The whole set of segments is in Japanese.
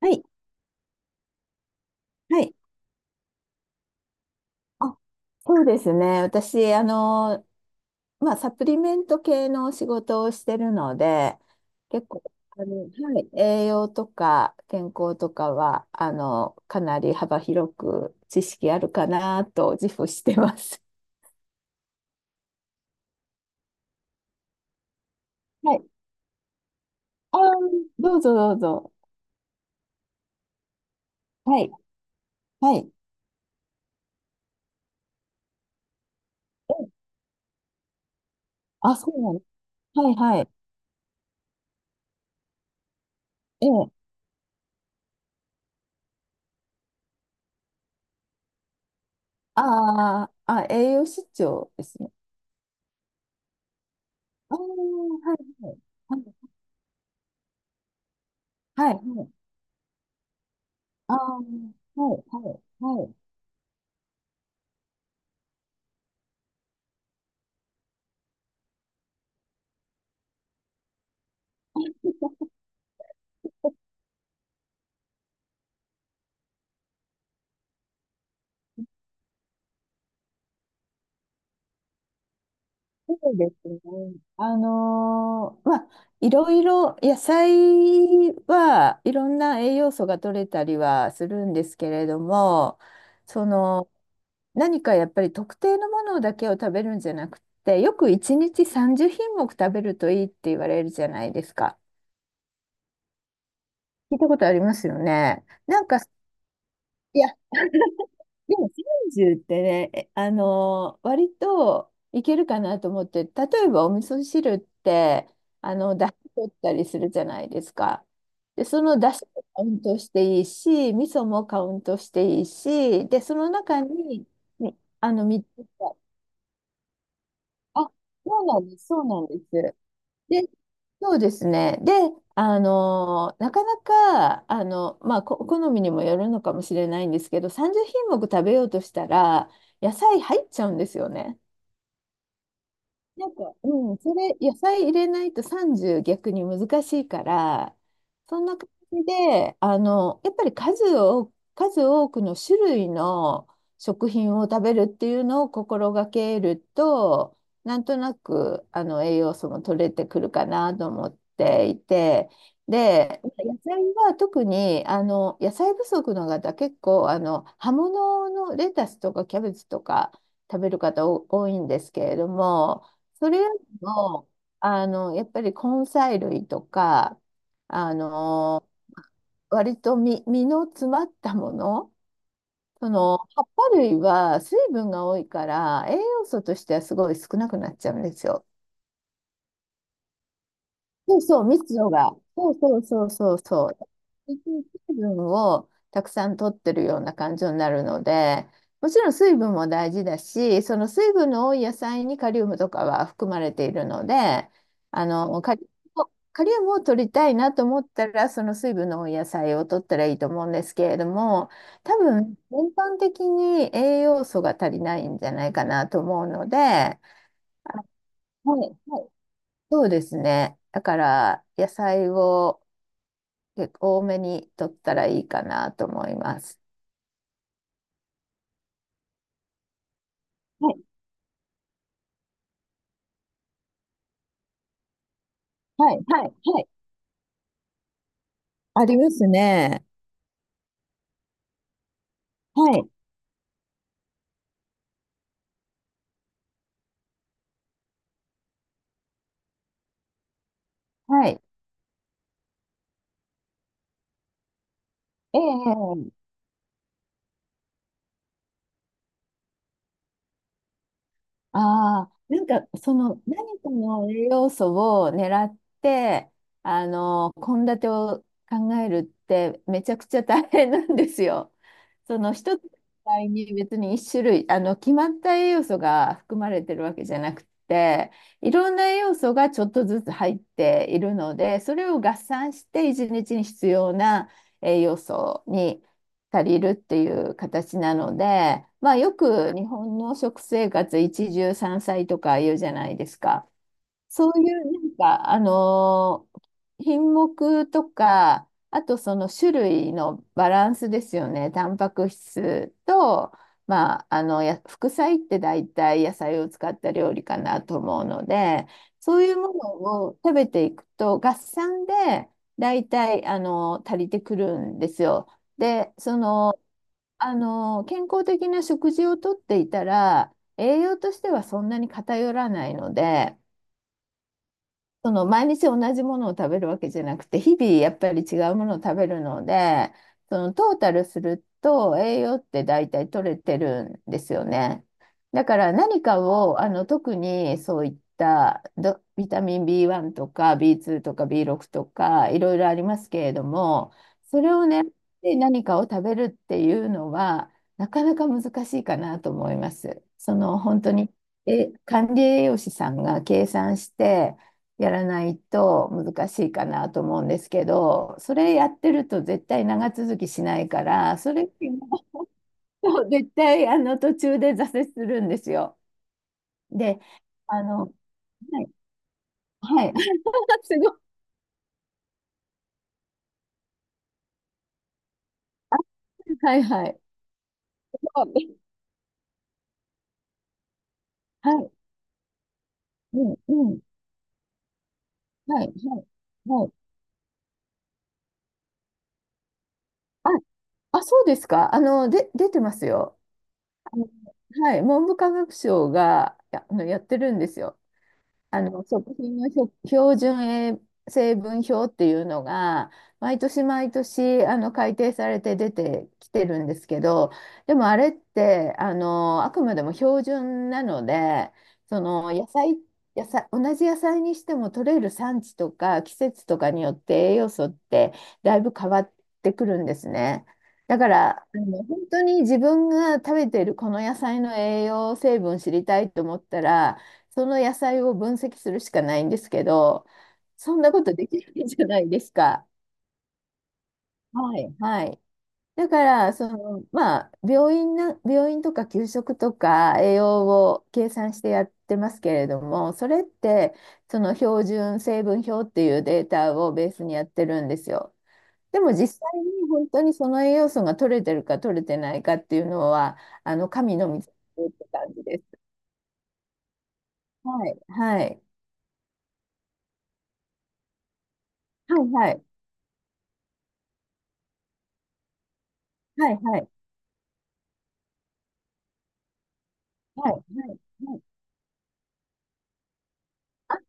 はい、はい。あ、そうですね。私、まあ、サプリメント系の仕事をしてるので、結構、あの、はい、栄養とか健康とかは、かなり幅広く知識あるかなと自負してます。はい。あー、どうぞどうぞ。はい、はい。えあ、そうなの。はい、はい。ええ。あーあ、栄養失調ですね。ああ、はい、はい。はい、はい。ああ、はい、はい、はい。そうですね。まあ、いろいろ野菜はいろんな栄養素が取れたりはするんですけれども、その何かやっぱり特定のものだけを食べるんじゃなくて、よく1日30品目食べるといいって言われるじゃないですか。聞いたことありますよね。なんか、いや、でも30ってね、えあの割といけるかなと思って、例えばお味噌汁って、出汁取ったりするじゃないですか。で、その出汁もカウントしていいし、味噌もカウントしていいし、で、その中に、ね、3つが、あ、そうなんです、そうなんです。で、そうですね。で、なかなか、まあ、好みにもよるのかもしれないんですけど、30品目食べようとしたら、野菜入っちゃうんですよね。なんか、うん、それ、野菜入れないと30逆に難しいから、そんな感じで、やっぱり数多くの種類の食品を食べるっていうのを心がけると、なんとなく、栄養素も取れてくるかなと思っていて、で、野菜は特に、野菜不足の方、結構、葉物のレタスとかキャベツとか食べる方多いんですけれども、それよりも、やっぱり根菜類とか、あの、割と実の詰まったもの、その葉っぱ類は水分が多いから栄養素としてはすごい少なくなっちゃうんですよ。そうそう、密度が。そうそうそうそうそう。水分をたくさん取ってるような感じになるので、もちろん水分も大事だし、その水分の多い野菜にカリウムとかは含まれているので、あの、カリウカリウムを取りたいなと思ったら、その水分の多い野菜を取ったらいいと思うんですけれども、多分全般的に栄養素が足りないんじゃないかなと思うので、あ、はい、はい、そうですね。だから、野菜を結構多めに取ったらいいかなと思います。はい、はい、はい、はい。ありますね。はい、はい。ええ、ああ、なんか何かの栄養素を狙って、献立を考えるってめちゃくちゃ大変なんですよ。その一つの野菜に別に一種類、決まった栄養素が含まれてるわけじゃなくて、いろんな栄養素がちょっとずつ入っているので、それを合算して一日に必要な栄養素に借りるっていう形なので、まあ、よく日本の食生活一汁三菜とか言うじゃないですか。そういうなんか、品目とか、あとその種類のバランスですよね。タンパク質と、まあ、あのや副菜って大体野菜を使った料理かなと思うので、そういうものを食べていくと合算で大体足りてくるんですよ。で、健康的な食事をとっていたら、栄養としてはそんなに偏らないので、その毎日同じものを食べるわけじゃなくて、日々やっぱり違うものを食べるので、そのトータルすると栄養って大体取れてるんですよね。だから何かを、特にそういったビタミン B1 とか B2 とか B6 とかいろいろありますけれども、それをね、で何かを食べるっていうのは、なかなか難しいかなと思います。その本当に、管理栄養士さんが計算して、やらないと難しいかなと思うんですけど、それやってると絶対長続きしないから、それも 絶対途中で挫折するんですよ。で、あの、はい、はい、すごい、はいはい、すごい、はい、うん、うん、はい、はい、はい。あ、あ、そうですか。で、出てますよ。あのはい、文部科学省がや、あのやってるんですよ。食品の標準栄成分表っていうのが毎年毎年改定されて出てきてるんですけど、でもあれってあくまでも標準なので、その野菜、野菜同じ野菜にしても取れる産地とか季節とかによって栄養素ってだいぶ変わってくるんですね。だから本当に自分が食べてるこの野菜の栄養成分知りたいと思ったら、その野菜を分析するしかないんですけど、そんなことできないじゃないですか。はい、はい。だから、まあ、病院とか給食とか栄養を計算してやってますけれども、それって、その標準成分表っていうデータをベースにやってるんですよ。でも実際に本当にその栄養素が取れてるか取れてないかっていうのは、神の水って感じです。はい、はい、はい、はい、はい、はい。はい、はい、はい。あ、で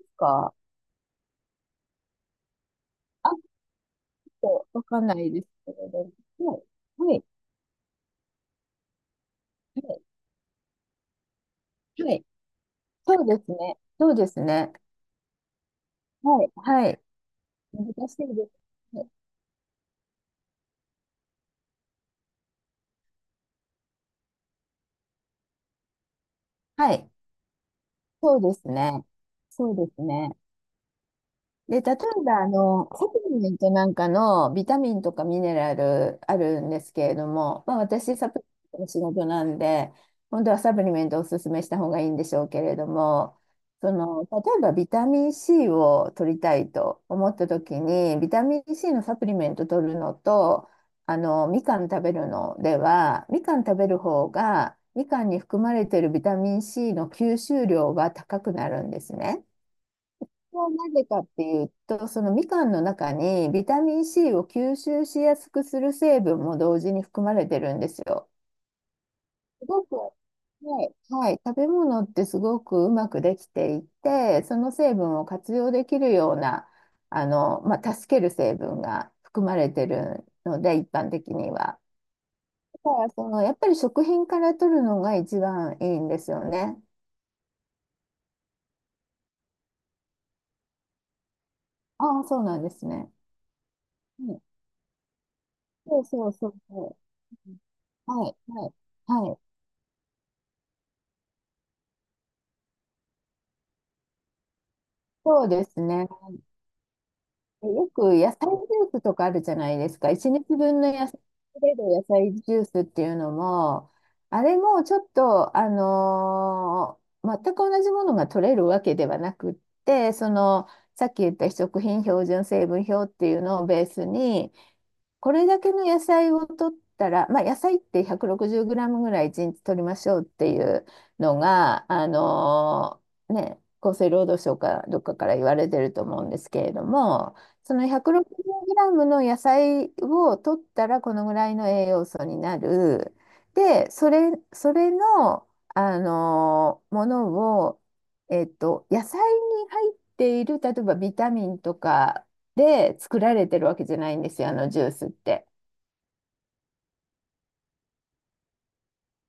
すかちょっとわかんないですけれど。はい、はい、はい、はい。そうですね。そうですね。はい、はい。難しいですね。はい、はい、そうですね。そうですね。で、例えば、サプリメントなんかのビタミンとかミネラルあるんですけれども、まあ、私、サプリメントの仕事なんで、本当はサプリメントをおすすめした方がいいんでしょうけれども、その、例えばビタミン C を取りたいと思った時に、ビタミン C のサプリメント取るのと、みかん食べるのでは、みかん食べる方が、みかんに含まれているビタミン C の吸収量が高くなるんですね。なぜかっていうと、そのみかんの中にビタミン C を吸収しやすくする成分も同時に含まれてるんですよ。すごく、はい、はい、食べ物ってすごくうまくできていて、その成分を活用できるような、まあ、助ける成分が含まれてるので、一般的には。だからやっぱり食品から取るのが一番いいんですよね。ああ、そうなんですね。うん、そうそうそうそう。はい、はい。はい、そうですね。よく野菜ジュースとかあるじゃないですか。1日分の野菜、取れる野菜ジュースっていうのも、あれもちょっと、全く同じものが取れるわけではなくって、さっき言った非食品標準成分表っていうのをベースに、これだけの野菜を取ったら、まあ、野菜って1 6 0グラムぐらい1日取りましょうっていうのが、ね、厚生労働省かどっかから言われてると思うんですけれども、その1 6 0グラムの野菜を取ったらこのぐらいの栄養素になる。で、それの、ものを、野菜に入っている、例えばビタミンとかで作られてるわけじゃないんですよ、あのジュースって。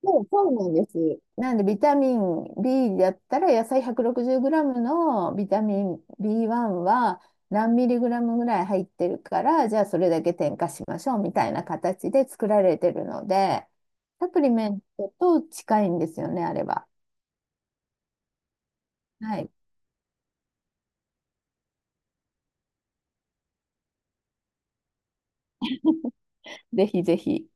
そう、そうなんです。なんでビタミン B だったら野菜 160g のビタミン B1 は何ミリグラムぐらい入ってるから、じゃあそれだけ添加しましょうみたいな形で作られてるので、サプリメントと近いんですよねあれは。はい、ぜひぜひ。